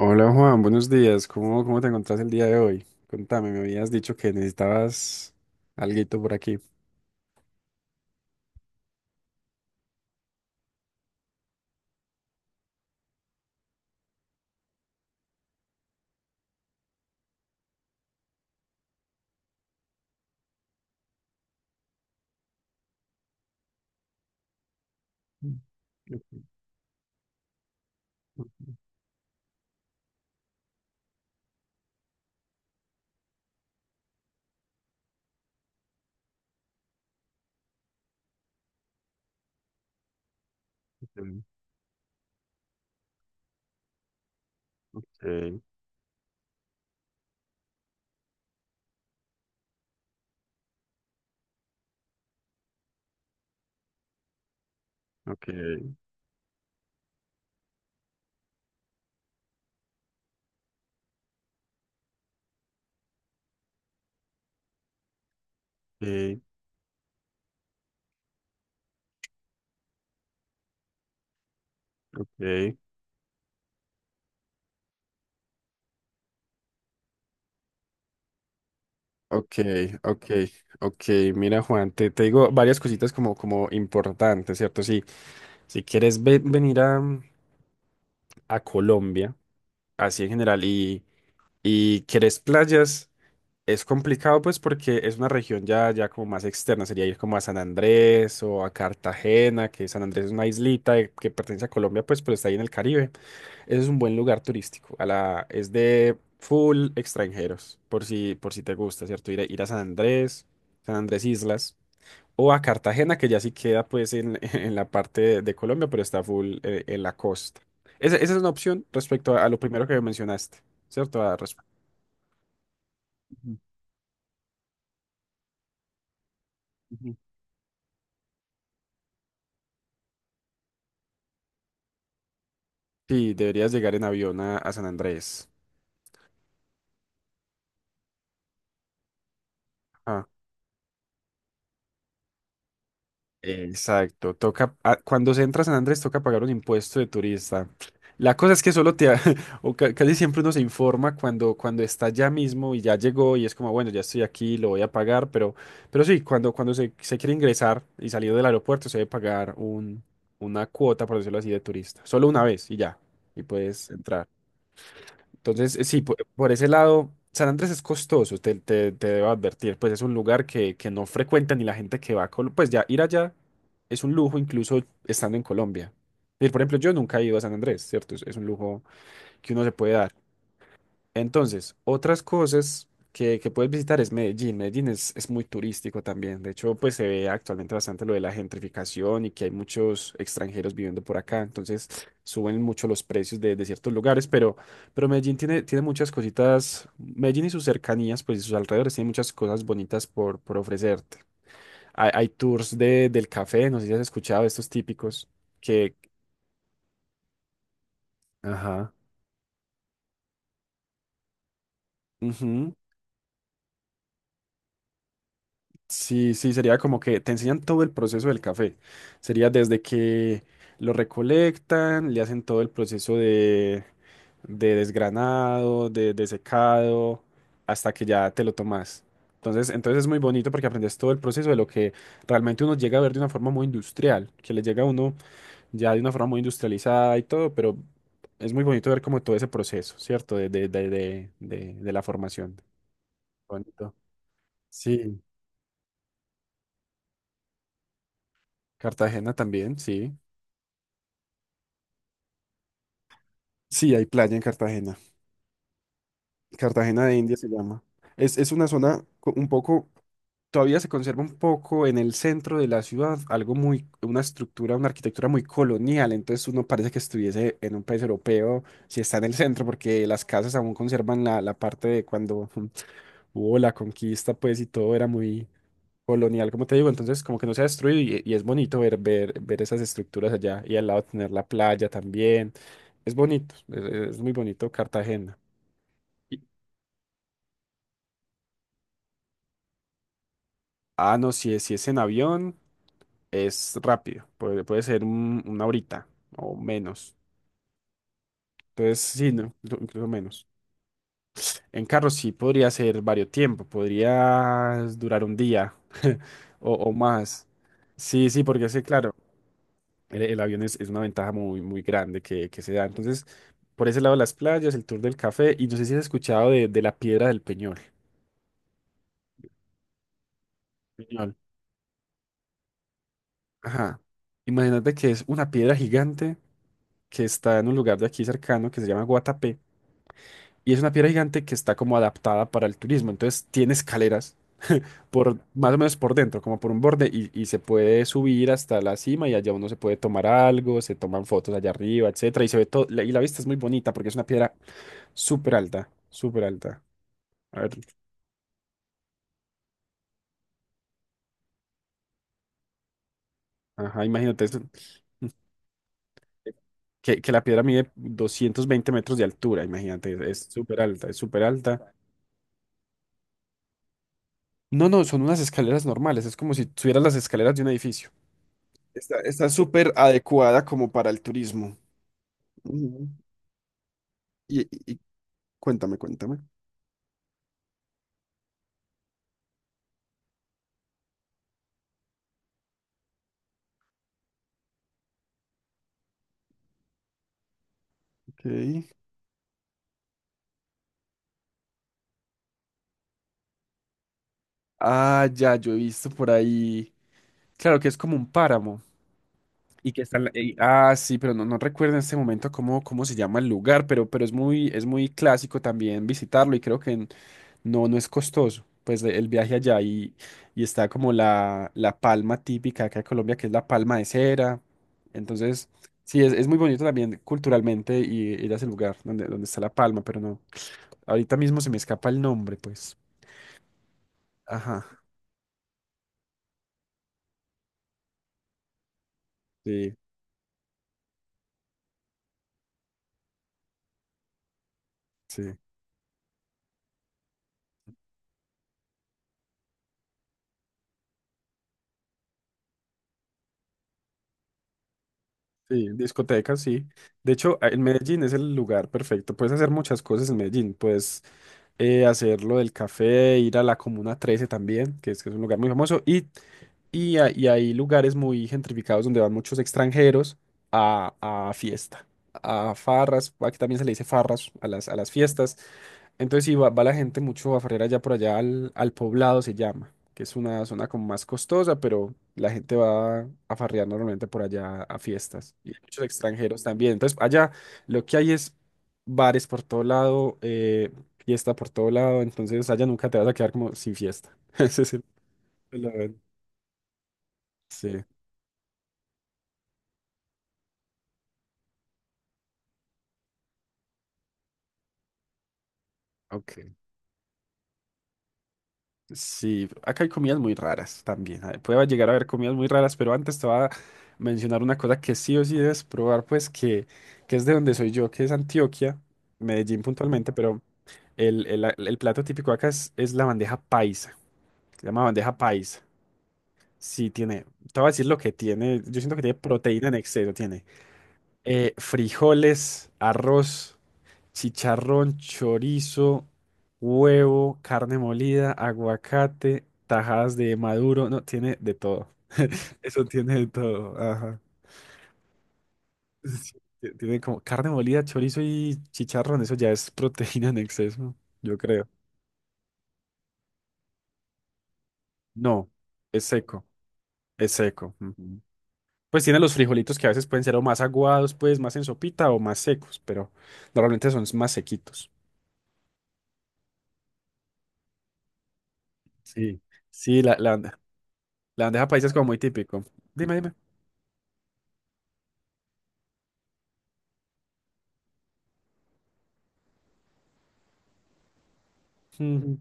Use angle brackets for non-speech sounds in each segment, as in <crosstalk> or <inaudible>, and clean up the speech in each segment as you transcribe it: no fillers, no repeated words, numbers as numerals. Hola Juan, buenos días. ¿Cómo te encontrás el día de hoy? Contame, me habías dicho que necesitabas alguito por aquí. Okay, okay, okay, okay, okay, okay, okay. Mira, Juan, te digo varias cositas como importantes, ¿cierto? Si, si quieres venir a Colombia, así en general, y quieres playas. Es complicado, pues porque es una región ya como más externa. Sería ir como a San Andrés o a Cartagena, que San Andrés es una islita que pertenece a Colombia, pues, pero está ahí en el Caribe. Ese es un buen lugar turístico, es de full extranjeros, por si te gusta, ¿cierto? Ir a San Andrés, San Andrés Islas, o a Cartagena, que ya sí queda pues en, <laughs> en la parte de Colombia, pero está full en la costa. Esa es una opción respecto a lo primero que mencionaste, ¿cierto? Ujú. Sí, deberías llegar en avión a San Andrés. Ah, exacto. Toca, cuando se entra a San Andrés toca pagar un impuesto de turista. La cosa es que solo <laughs> casi siempre uno se informa cuando está ya mismo y ya llegó y es como, bueno, ya estoy aquí, lo voy a pagar, pero sí, cuando se quiere ingresar y salir del aeropuerto, se debe pagar una cuota, por decirlo así, de turista. Solo una vez y ya, y puedes entrar. Entonces, sí, por ese lado, San Andrés es costoso, te debo advertir, pues es un lugar que no frecuenta ni la gente que va a Colombia. Pues ya ir allá es un lujo, incluso estando en Colombia. Y, por ejemplo, yo nunca he ido a San Andrés, ¿cierto? Es un lujo que uno se puede dar. Entonces, otras cosas que puedes visitar es Medellín. Medellín es muy turístico también. De hecho, pues se ve actualmente bastante lo de la gentrificación y que hay muchos extranjeros viviendo por acá. Entonces, suben mucho los precios de ciertos lugares, pero Medellín tiene muchas cositas. Medellín y sus cercanías, pues, y sus alrededores, tiene muchas cosas bonitas por ofrecerte. Hay tours del café. No sé si has escuchado estos típicos que... Ajá. Ujú. Sí, sí, sería como que te enseñan todo el proceso del café. Sería desde que lo recolectan, le hacen todo el proceso de desgranado, de secado, hasta que ya te lo tomas. Entonces es muy bonito porque aprendes todo el proceso de lo que realmente uno llega a ver de una forma muy industrial, que le llega a uno ya de una forma muy industrializada y todo, pero es muy bonito ver como todo ese proceso, ¿cierto? De la formación. Bonito. Sí, Cartagena también, sí. Sí, hay playa en Cartagena. Cartagena de India se llama. Es una zona un poco, todavía se conserva un poco en el centro de la ciudad, algo muy, una estructura, una arquitectura muy colonial. Entonces uno parece que estuviese en un país europeo si está en el centro, porque las casas aún conservan la parte de cuando <laughs> hubo la conquista, pues, y todo era muy colonial, como te digo. Entonces, como que no se ha destruido y es bonito ver esas estructuras allá y al lado tener la playa también. Es bonito, es muy bonito Cartagena. Ah, no, si es en avión, es rápido. Puede ser una horita o menos. Entonces, sí, no, incluso menos. En carro sí podría ser varios tiempo, podría durar un día <laughs> o más. Sí, sí, porque sí, claro, el avión es una ventaja muy, muy grande que se da. Entonces, por ese lado, las playas, el tour del café, y no sé si has escuchado de la piedra del Peñol. Peñol. Ajá. Imagínate que es una piedra gigante que está en un lugar de aquí cercano que se llama Guatapé, y es una piedra gigante que está como adaptada para el turismo. Entonces tiene escaleras por más o menos por dentro, como por un borde, y se puede subir hasta la cima, y allá uno se puede tomar algo, se toman fotos allá arriba, etcétera, y se ve todo y la vista es muy bonita porque es una piedra súper alta, súper alta. A ver, ajá, imagínate eso. <laughs> Que la piedra mide 220 metros de altura, imagínate, es súper alta, es súper alta. No, no, son unas escaleras normales, es como si tuvieras las escaleras de un edificio. Está súper adecuada como para el turismo. Ujú. Y, y cuéntame, cuéntame. Ok. Ah, ya, yo he visto por ahí. Claro que es como un páramo. Y que está... en la- y- ah, sí, pero no, no recuerdo en este momento cómo se llama el lugar, pero es muy clásico también visitarlo, y creo que en... No, no es costoso, pues el viaje allá, y está como la palma típica acá de Colombia, que es la palma de cera. Entonces, sí, es muy bonito también culturalmente, y ir a ese lugar donde, donde está la palma, pero no, ahorita mismo se me escapa el nombre, pues. Ajá. Sí, sí, sí, discotecas, sí. De hecho, en Medellín es el lugar perfecto. Puedes hacer muchas cosas en Medellín. Puedes hacer lo del café, ir a la Comuna 13 también, que es un lugar muy famoso. Y hay lugares muy gentrificados donde van muchos extranjeros a, a fiesta, a farras. Aquí también se le dice farras a las fiestas. Entonces sí, va, va la gente mucho a farrear allá, por allá al, al Poblado se llama, que es una zona como más costosa, pero la gente va a farrear normalmente por allá a fiestas. Y hay muchos extranjeros también. Entonces, allá lo que hay es bares por todo lado, fiesta por todo lado. Entonces allá nunca te vas a quedar como sin fiesta. <laughs> Ese es el... el- Sí. Ok. Sí, acá hay comidas muy raras también. Puede llegar a haber comidas muy raras, pero antes te voy a mencionar una cosa que sí o sí debes probar, pues que es de donde soy yo, que es Antioquia, Medellín puntualmente. Pero el plato típico acá es la bandeja paisa, se llama bandeja paisa. Sí, tiene, te voy a decir lo que tiene. Yo siento que tiene proteína en exceso. Tiene frijoles, arroz, chicharrón, chorizo, huevo, carne molida, aguacate, tajadas de maduro. No, tiene de todo. <laughs> Eso tiene de todo. Ajá. Sí, tiene como carne molida, chorizo y chicharrón. Eso ya es proteína en exceso, yo creo. No, es seco. Es seco. Ujú. Pues tiene los frijolitos que a veces pueden ser o más aguados, pues más en sopita, o más secos, pero normalmente son más sequitos. Sí. Sí, la bandeja paisa es como muy típico. Dime, dime.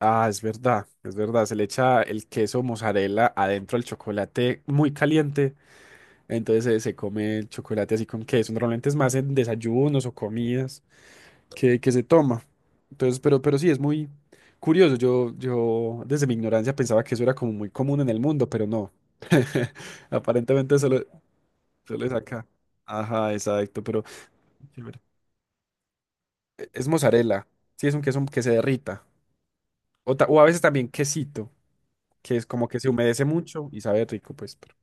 Ah, es verdad, es verdad. Se le echa el queso mozzarella adentro del chocolate muy caliente. Entonces, se come el chocolate así con queso. Normalmente es más en desayunos o comidas que se toma. Entonces, pero sí, es muy curioso. Yo desde mi ignorancia pensaba que eso era como muy común en el mundo, pero no. <laughs> Aparentemente solo es acá. Ajá, exacto, pero chévere. Es mozzarella. Sí, es un queso que se derrita. O a veces también quesito, que es como que se humedece mucho y sabe rico, pues, pero...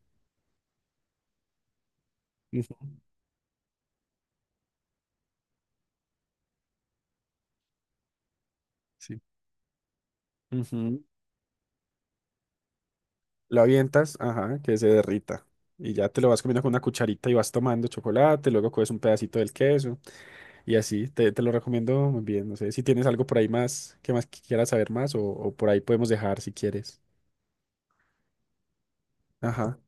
Ujú. Sí. Ujú. Lo avientas, ajá, que se derrita. Y ya te lo vas comiendo con una cucharita y vas tomando chocolate, luego coges un pedacito del queso, y así, te lo recomiendo muy bien. No sé si tienes algo por ahí más que quieras saber más, o por ahí podemos dejar si quieres. Ajá.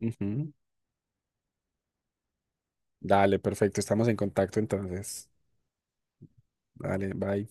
Ujú. Dale, perfecto, estamos en contacto entonces. Dale, bye.